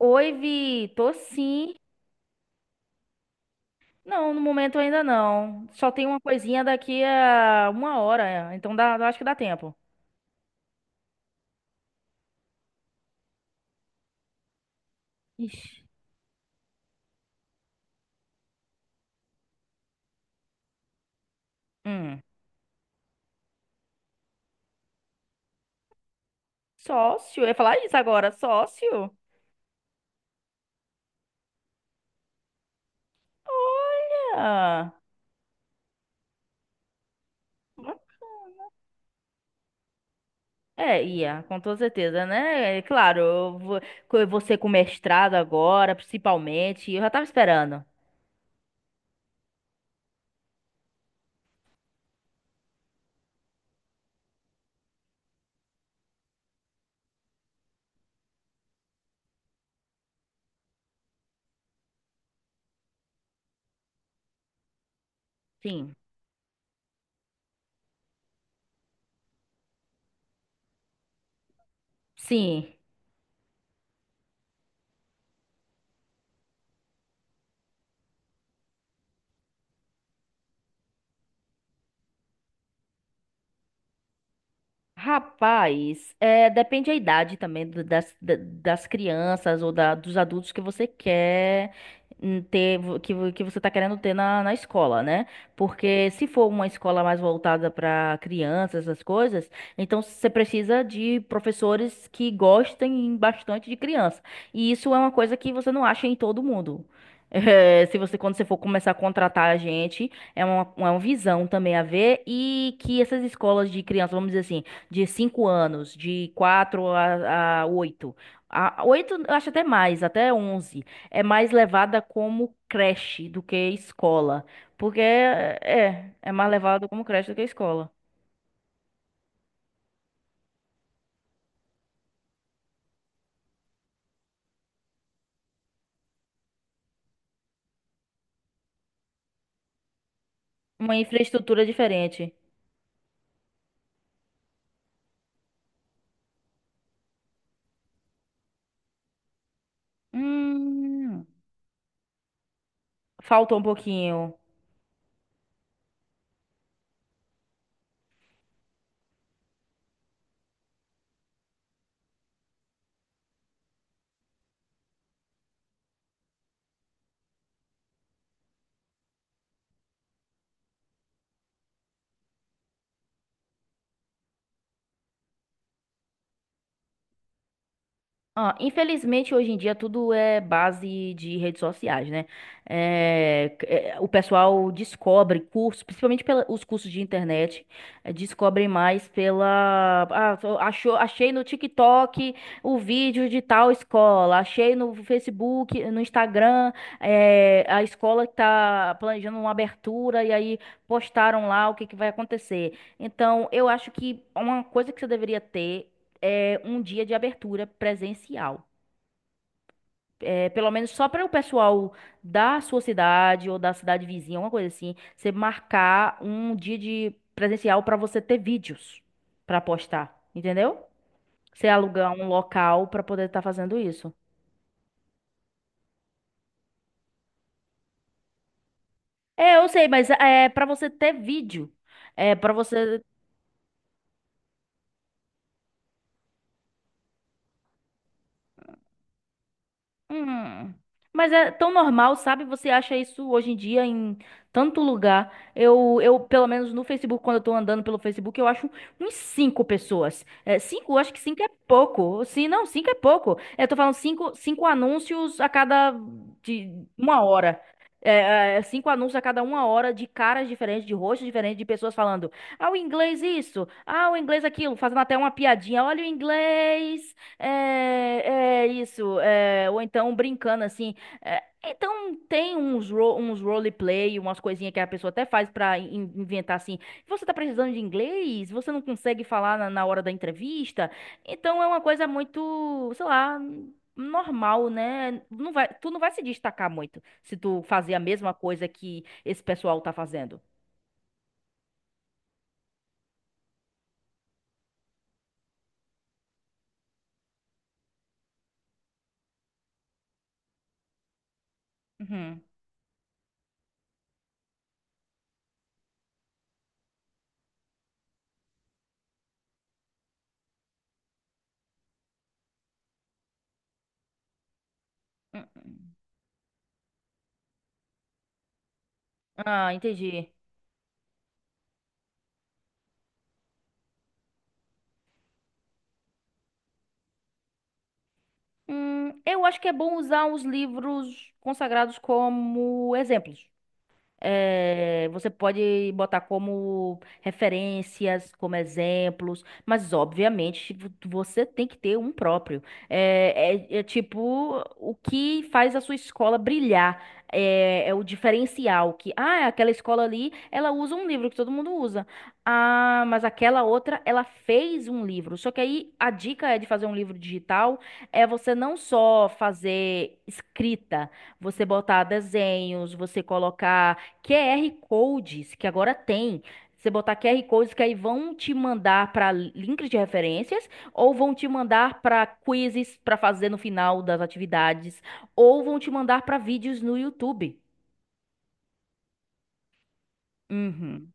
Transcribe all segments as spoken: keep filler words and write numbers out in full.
Oi, Vi, tô sim. Não, no momento ainda não. Só tem uma coisinha daqui a uma hora, então dá, eu acho que dá tempo. Ixi. Hum. Sócio? Eu ia falar isso agora, sócio? Olha! É, ia, com toda certeza, né? É claro, eu vou- co- você com mestrado agora, principalmente, eu já tava esperando. Sim, sim. Rapaz, é, depende a idade também do- das, da- das crianças ou da- dos adultos que você quer, hum, ter, vo- que, vo- que você tá querendo ter na, na escola, né? Porque se for uma escola mais voltada para crianças, essas coisas, então você precisa de professores que gostem bastante de criança. E isso é uma coisa que você não acha em todo mundo. É, se você, quando você for começar a contratar a gente, é uma, é uma visão também a ver e que essas escolas de criança, vamos dizer assim, de cinco anos, de quatro a, a oito. A oito eu acho até mais, até onze. É mais levada como creche do que escola. Porque é, é é mais levada como creche do que escola. Uma infraestrutura diferente. Hum, Faltou um pouquinho. Ah, infelizmente, hoje em dia tudo é base de redes sociais, né? É, c- é, o pessoal descobre cursos, principalmente pela, os cursos de internet, é, descobrem mais pela. Ah, só achou, achei no TikTok o vídeo de tal escola, achei no Facebook, no Instagram, é, a escola que tá planejando uma abertura e aí postaram lá o que que vai acontecer. Então, eu acho que uma coisa que você deveria ter é, um dia de abertura presencial. É, pelo menos só para o pessoal da sua cidade ou da cidade vizinha, uma coisa assim, você marcar um dia de presencial para você ter vídeos para postar, entendeu? Você alugar um local para poder estar fazendo isso. É, eu sei, mas é para você ter vídeo. É para você. Hum. Mas é tão normal, sabe? Você acha isso hoje em dia em tanto lugar. Eu, eu, pelo menos no Facebook, quando eu tô andando pelo Facebook, eu acho uns cinco pessoas. É, cinco, eu acho que cinco é pouco. Sim, não, cinco é pouco. É, eu tô falando cinco, cinco anúncios a cada de uma hora. É, é, é cinco anúncios a cada uma hora de caras diferentes, de rostos diferentes, de pessoas falando. Ah, o inglês isso. Ah, o inglês aquilo. Fazendo até uma piadinha. Olha o inglês. É, é isso, é, ou então brincando assim. É, então tem uns, ro uns roleplay, umas coisinhas que a pessoa até faz pra in- inventar assim. Você tá precisando de inglês? Você não consegue falar na, na hora da entrevista? Então é uma coisa muito, sei lá, normal, né? Não vai, tu não vai se destacar muito se tu fazer a mesma coisa que esse pessoal tá fazendo. Uhum. Uhum. Ah, entendi. Hum, eu acho que é bom usar os livros consagrados como exemplos. É, você pode botar como referências, como exemplos, mas obviamente vo- você tem que ter um próprio. É, é- é tipo o que faz a sua escola brilhar. É, é o diferencial que, ah, aquela escola ali, ela usa um livro que todo mundo usa. Ah, mas aquela outra, ela fez um livro. Só que aí a dica é de fazer um livro digital, é você não só fazer escrita, você botar desenhos, você colocar Q R codes que agora tem. Você botar Q R codes que aí vão te mandar para links de referências ou vão te mandar para quizzes para fazer no final das atividades ou vão te mandar para vídeos no YouTube. Uhum.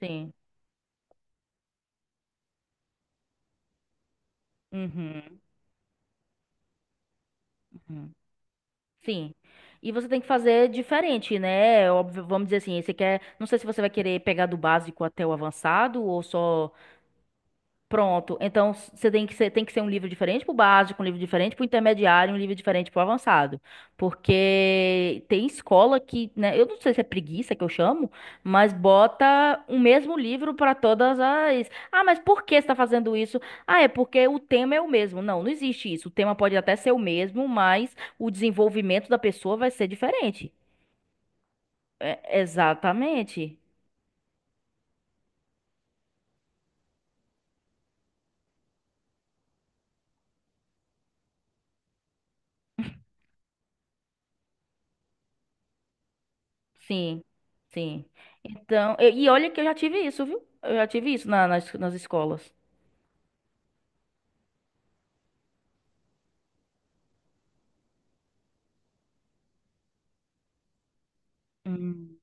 Sim. Uhum. Uhum. Sim. E você tem que fazer diferente, né? Óbvio, vamos dizer assim, você quer, não sei se você vai querer pegar do básico até o avançado ou só. Pronto. Então, você tem que ser, tem que ser um livro diferente para o básico, um livro diferente para o intermediário, um livro diferente para o avançado. Porque tem escola que, né, eu não sei se é preguiça que eu chamo, mas bota o mesmo livro para todas as. Ah, mas por que você está fazendo isso? Ah, é porque o tema é o mesmo. Não, não existe isso. O tema pode até ser o mesmo, mas o desenvolvimento da pessoa vai ser diferente. É, exatamente. Sim, sim. Então, e e olha que eu já tive isso, viu? Eu já tive isso na- nas, nas escolas. Hum.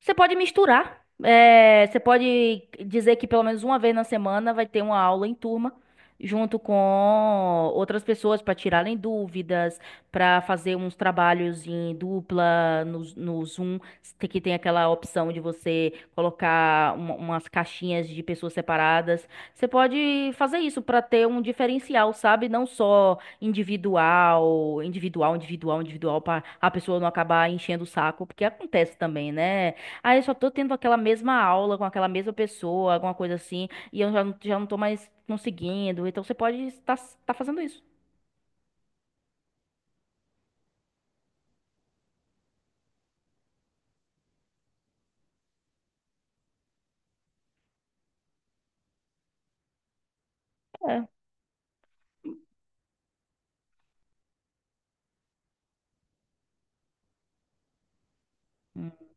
Você pode misturar. É, você pode dizer que pelo menos uma vez na semana vai ter uma aula em turma, junto com outras pessoas para tirarem dúvidas, para fazer uns trabalhos em dupla no, no Zoom, tem- que tem aquela opção de você colocar uma- umas caixinhas de pessoas separadas. Você pode fazer isso para ter um diferencial, sabe? Não só individual, individual, individual, individual, para a pessoa não acabar enchendo o saco, porque acontece também, né? Aí eu só tô tendo aquela mesma aula com aquela mesma pessoa, alguma coisa assim, e eu já, não- já não tô mais conseguindo. Então você pode estar tá fazendo isso. É. Hum.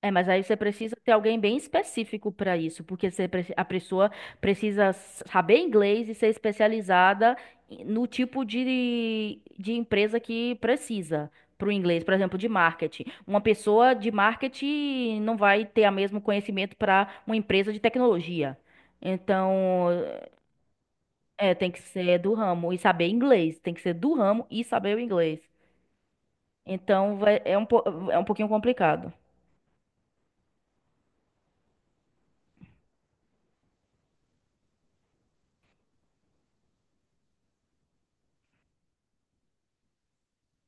É, mas aí você precisa ter alguém bem específico para isso, porque você, preci- a pessoa precisa saber inglês e ser especializada em- no tipo de, de empresa que precisa para o inglês, por exemplo, de marketing. Uma pessoa de marketing não vai ter o mesmo conhecimento para uma empresa de tecnologia. Então, É, tem que ser do ramo e saber inglês. Tem que ser do ramo e saber o inglês. Então, vai, é um, po- é um pouquinho complicado.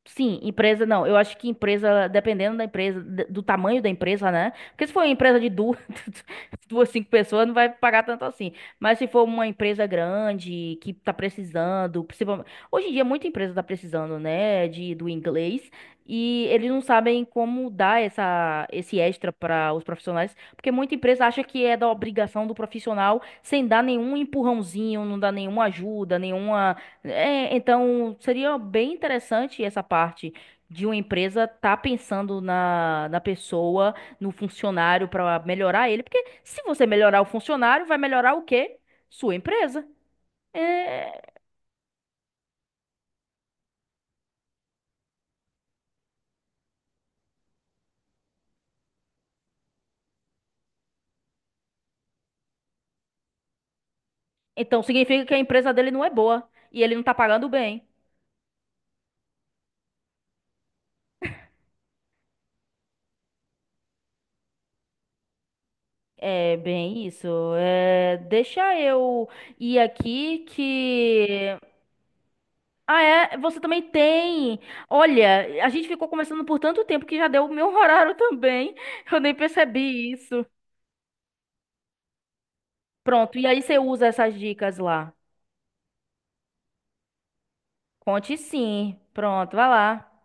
Sim, empresa não. Eu acho que empresa, dependendo da empresa, d- do tamanho da empresa, né? Porque se for uma empresa de duas, duas, cinco pessoas, não vai pagar tanto assim. Mas se for uma empresa grande que tá precisando, principalmente. Hoje em dia, muita empresa tá precisando, né, de, do inglês. E eles não sabem como dar essa, esse extra para os profissionais, porque muita empresa acha que é da obrigação do profissional, sem dar nenhum empurrãozinho, não dá nenhuma ajuda, nenhuma. É, então seria bem interessante essa parte de uma empresa estar pensando na, na pessoa, no funcionário para melhorar ele, porque se você melhorar o funcionário, vai melhorar o quê? Sua empresa. É, então significa que a empresa dele não é boa e ele não tá pagando bem. É bem isso. É, deixa eu ir aqui que. Ah, é? Você também tem. Olha, a gente ficou conversando por tanto tempo que já deu o meu horário também. Eu nem percebi isso. Pronto, e aí você usa essas dicas lá. Conte sim. Pronto, vai lá.